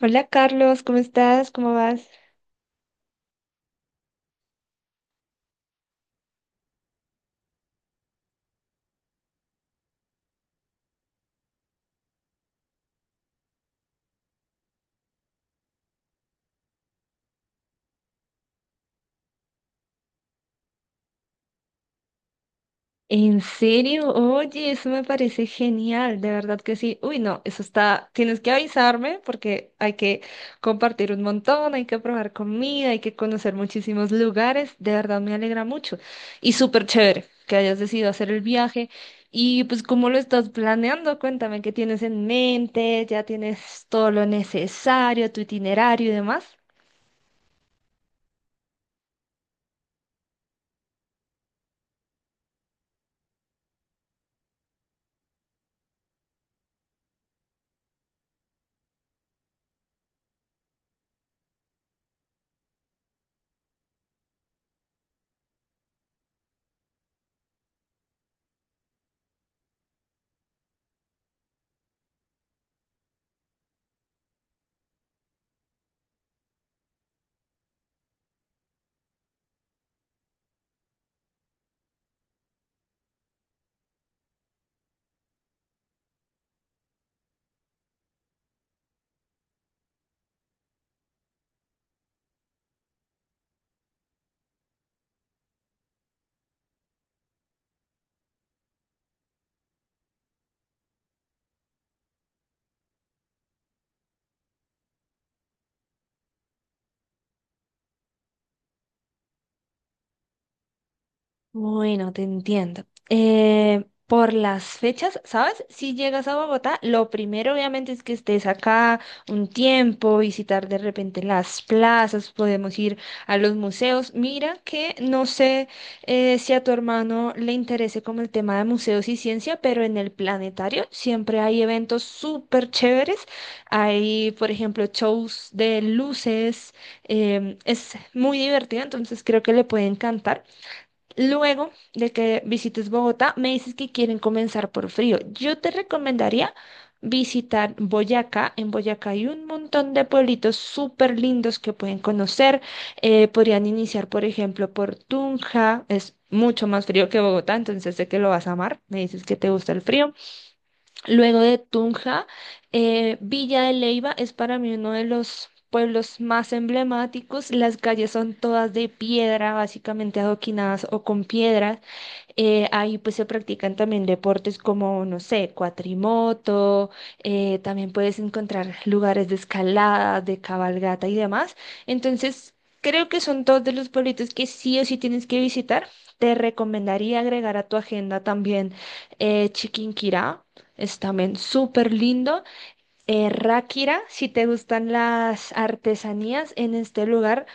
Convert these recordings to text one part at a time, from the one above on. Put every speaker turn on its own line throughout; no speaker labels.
Hola Carlos, ¿cómo estás? ¿Cómo vas? ¿En serio? Oye, eso me parece genial, de verdad que sí. Uy, no, eso está, tienes que avisarme porque hay que compartir un montón, hay que probar comida, hay que conocer muchísimos lugares, de verdad me alegra mucho. Y súper chévere que hayas decidido hacer el viaje. Y pues, ¿cómo lo estás planeando? Cuéntame qué tienes en mente, ya tienes todo lo necesario, tu itinerario y demás. Bueno, te entiendo. Por las fechas, ¿sabes? Si llegas a Bogotá, lo primero obviamente es que estés acá un tiempo, visitar de repente las plazas, podemos ir a los museos. Mira que no sé si a tu hermano le interese como el tema de museos y ciencia, pero en el planetario siempre hay eventos súper chéveres. Hay, por ejemplo, shows de luces. Es muy divertido, entonces creo que le puede encantar. Luego de que visites Bogotá, me dices que quieren comenzar por frío. Yo te recomendaría visitar Boyacá. En Boyacá hay un montón de pueblitos súper lindos que pueden conocer. Podrían iniciar, por ejemplo, por Tunja. Es mucho más frío que Bogotá, entonces sé que lo vas a amar. Me dices que te gusta el frío. Luego de Tunja, Villa de Leyva es para mí uno de los pueblos más emblemáticos. Las calles son todas de piedra, básicamente adoquinadas o con piedra. Ahí pues se practican también deportes como, no sé, cuatrimoto, también puedes encontrar lugares de escalada, de cabalgata y demás. Entonces, creo que son dos de los pueblitos que sí o sí tienes que visitar. Te recomendaría agregar a tu agenda también Chiquinquirá, es también súper lindo. Ráquira, si te gustan las artesanías en este lugar.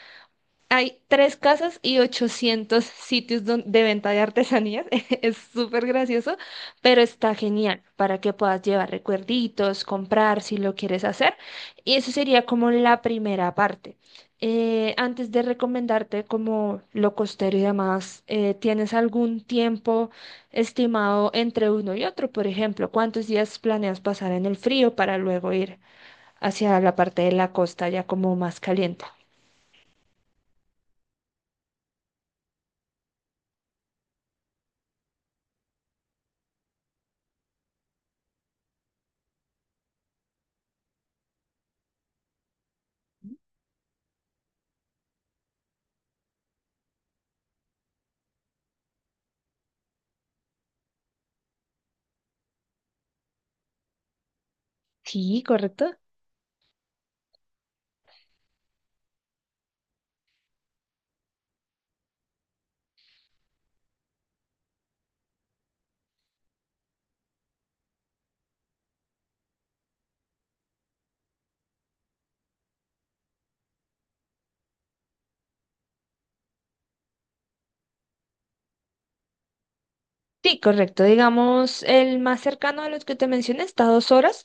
Hay tres casas y 800 sitios de venta de artesanías. Es súper gracioso, pero está genial para que puedas llevar recuerditos, comprar si lo quieres hacer. Y eso sería como la primera parte. Antes de recomendarte como lo costero y demás, ¿tienes algún tiempo estimado entre uno y otro? Por ejemplo, ¿cuántos días planeas pasar en el frío para luego ir hacia la parte de la costa ya como más caliente? Sí, correcto. Sí, correcto. Digamos, el más cercano de los que te mencioné está a 2 horas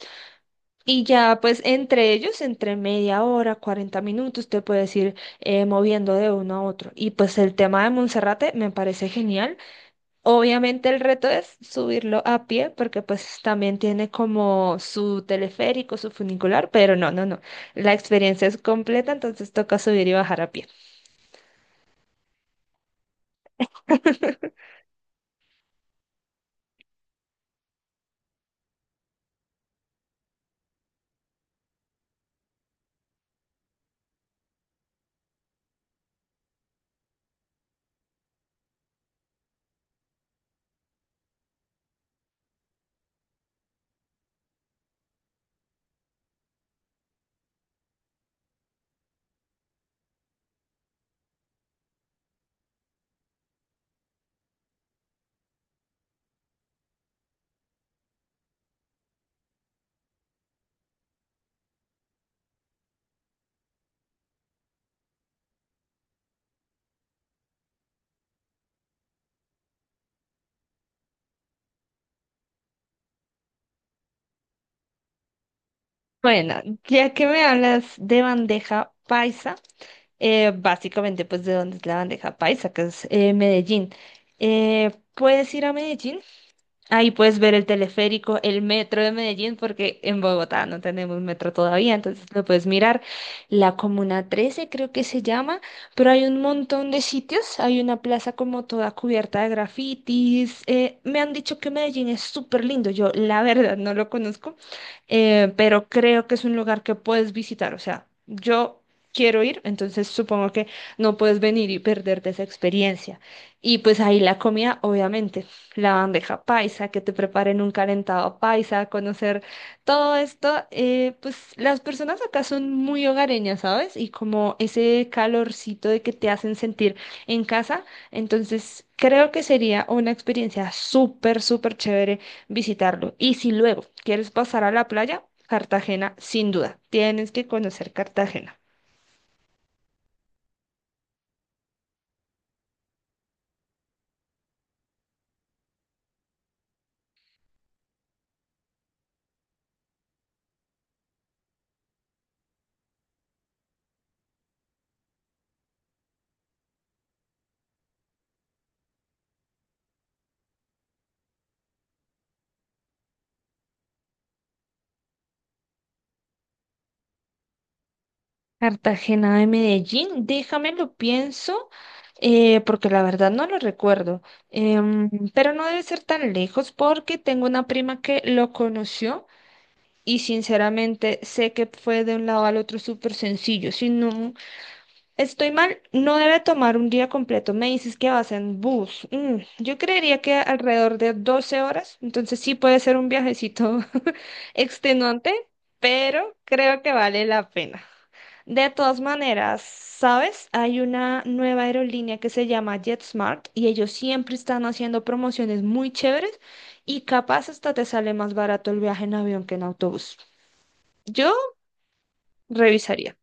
y ya pues entre ellos, entre media hora, 40 minutos, te puedes ir moviendo de uno a otro. Y pues el tema de Monserrate me parece genial. Obviamente el reto es subirlo a pie porque pues también tiene como su teleférico, su funicular, pero no, no, no. La experiencia es completa, entonces toca subir y bajar a pie. Bueno, ya que me hablas de bandeja paisa. Básicamente pues de donde es la bandeja paisa, que es Medellín. Puedes ir a Medellín. Ahí puedes ver el teleférico, el metro de Medellín, porque en Bogotá no tenemos metro todavía, entonces lo puedes mirar. La Comuna 13 creo que se llama, pero hay un montón de sitios. Hay una plaza como toda cubierta de grafitis. Me han dicho que Medellín es súper lindo. Yo la verdad no lo conozco, pero creo que es un lugar que puedes visitar. O sea, yo quiero ir, entonces supongo que no puedes venir y perderte esa experiencia. Y pues ahí la comida, obviamente la bandeja paisa, que te preparen un calentado paisa, conocer todo esto, pues las personas acá son muy hogareñas, ¿sabes? Y como ese calorcito de que te hacen sentir en casa, entonces creo que sería una experiencia súper, súper chévere visitarlo. Y si luego quieres pasar a la playa, Cartagena, sin duda, tienes que conocer Cartagena. Cartagena de Medellín, déjame lo pienso, porque la verdad no lo recuerdo. Em, pero no debe ser tan lejos porque tengo una prima que lo conoció y sinceramente sé que fue de un lado al otro súper sencillo. Si no estoy mal, no debe tomar un día completo. Me dices que vas en bus. Yo creería que alrededor de 12 horas, entonces sí puede ser un viajecito extenuante, pero creo que vale la pena. De todas maneras, ¿sabes? Hay una nueva aerolínea que se llama JetSmart y ellos siempre están haciendo promociones muy chéveres y capaz hasta te sale más barato el viaje en avión que en autobús. Yo revisaría.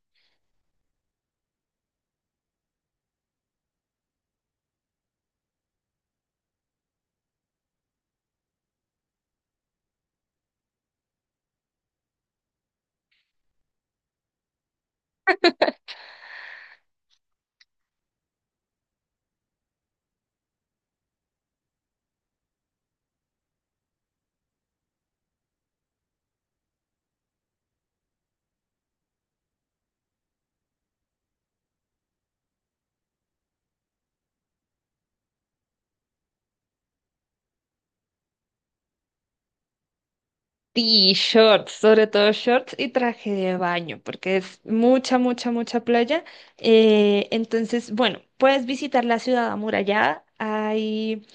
Y shorts, sobre todo shorts y traje de baño, porque es mucha, mucha, mucha playa. Entonces, bueno, puedes visitar la ciudad amurallada. Hay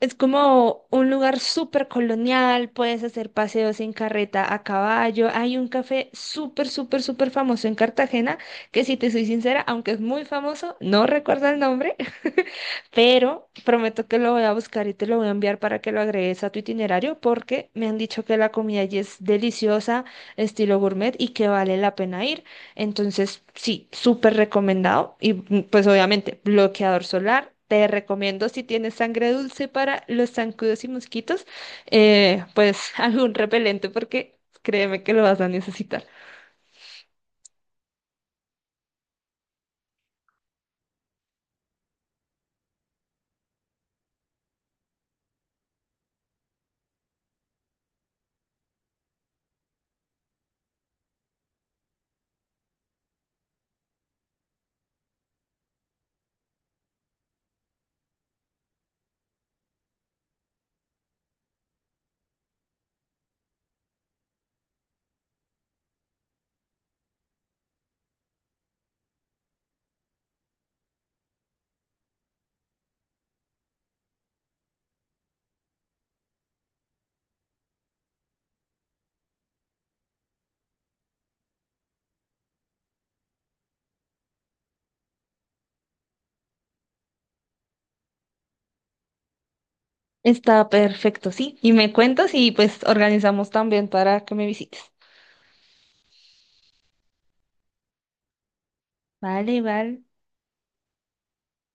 Es como un lugar súper colonial, puedes hacer paseos en carreta a caballo. Hay un café súper, súper, súper famoso en Cartagena, que si te soy sincera, aunque es muy famoso, no recuerdo el nombre, pero prometo que lo voy a buscar y te lo voy a enviar para que lo agregues a tu itinerario, porque me han dicho que la comida allí es deliciosa, estilo gourmet, y que vale la pena ir. Entonces, sí, súper recomendado. Y pues obviamente, bloqueador solar. Te recomiendo si tienes sangre dulce para los zancudos y mosquitos, pues algún repelente porque créeme que lo vas a necesitar. Está perfecto, sí. Y me cuentas y pues organizamos también para que me visites. Vale, vale.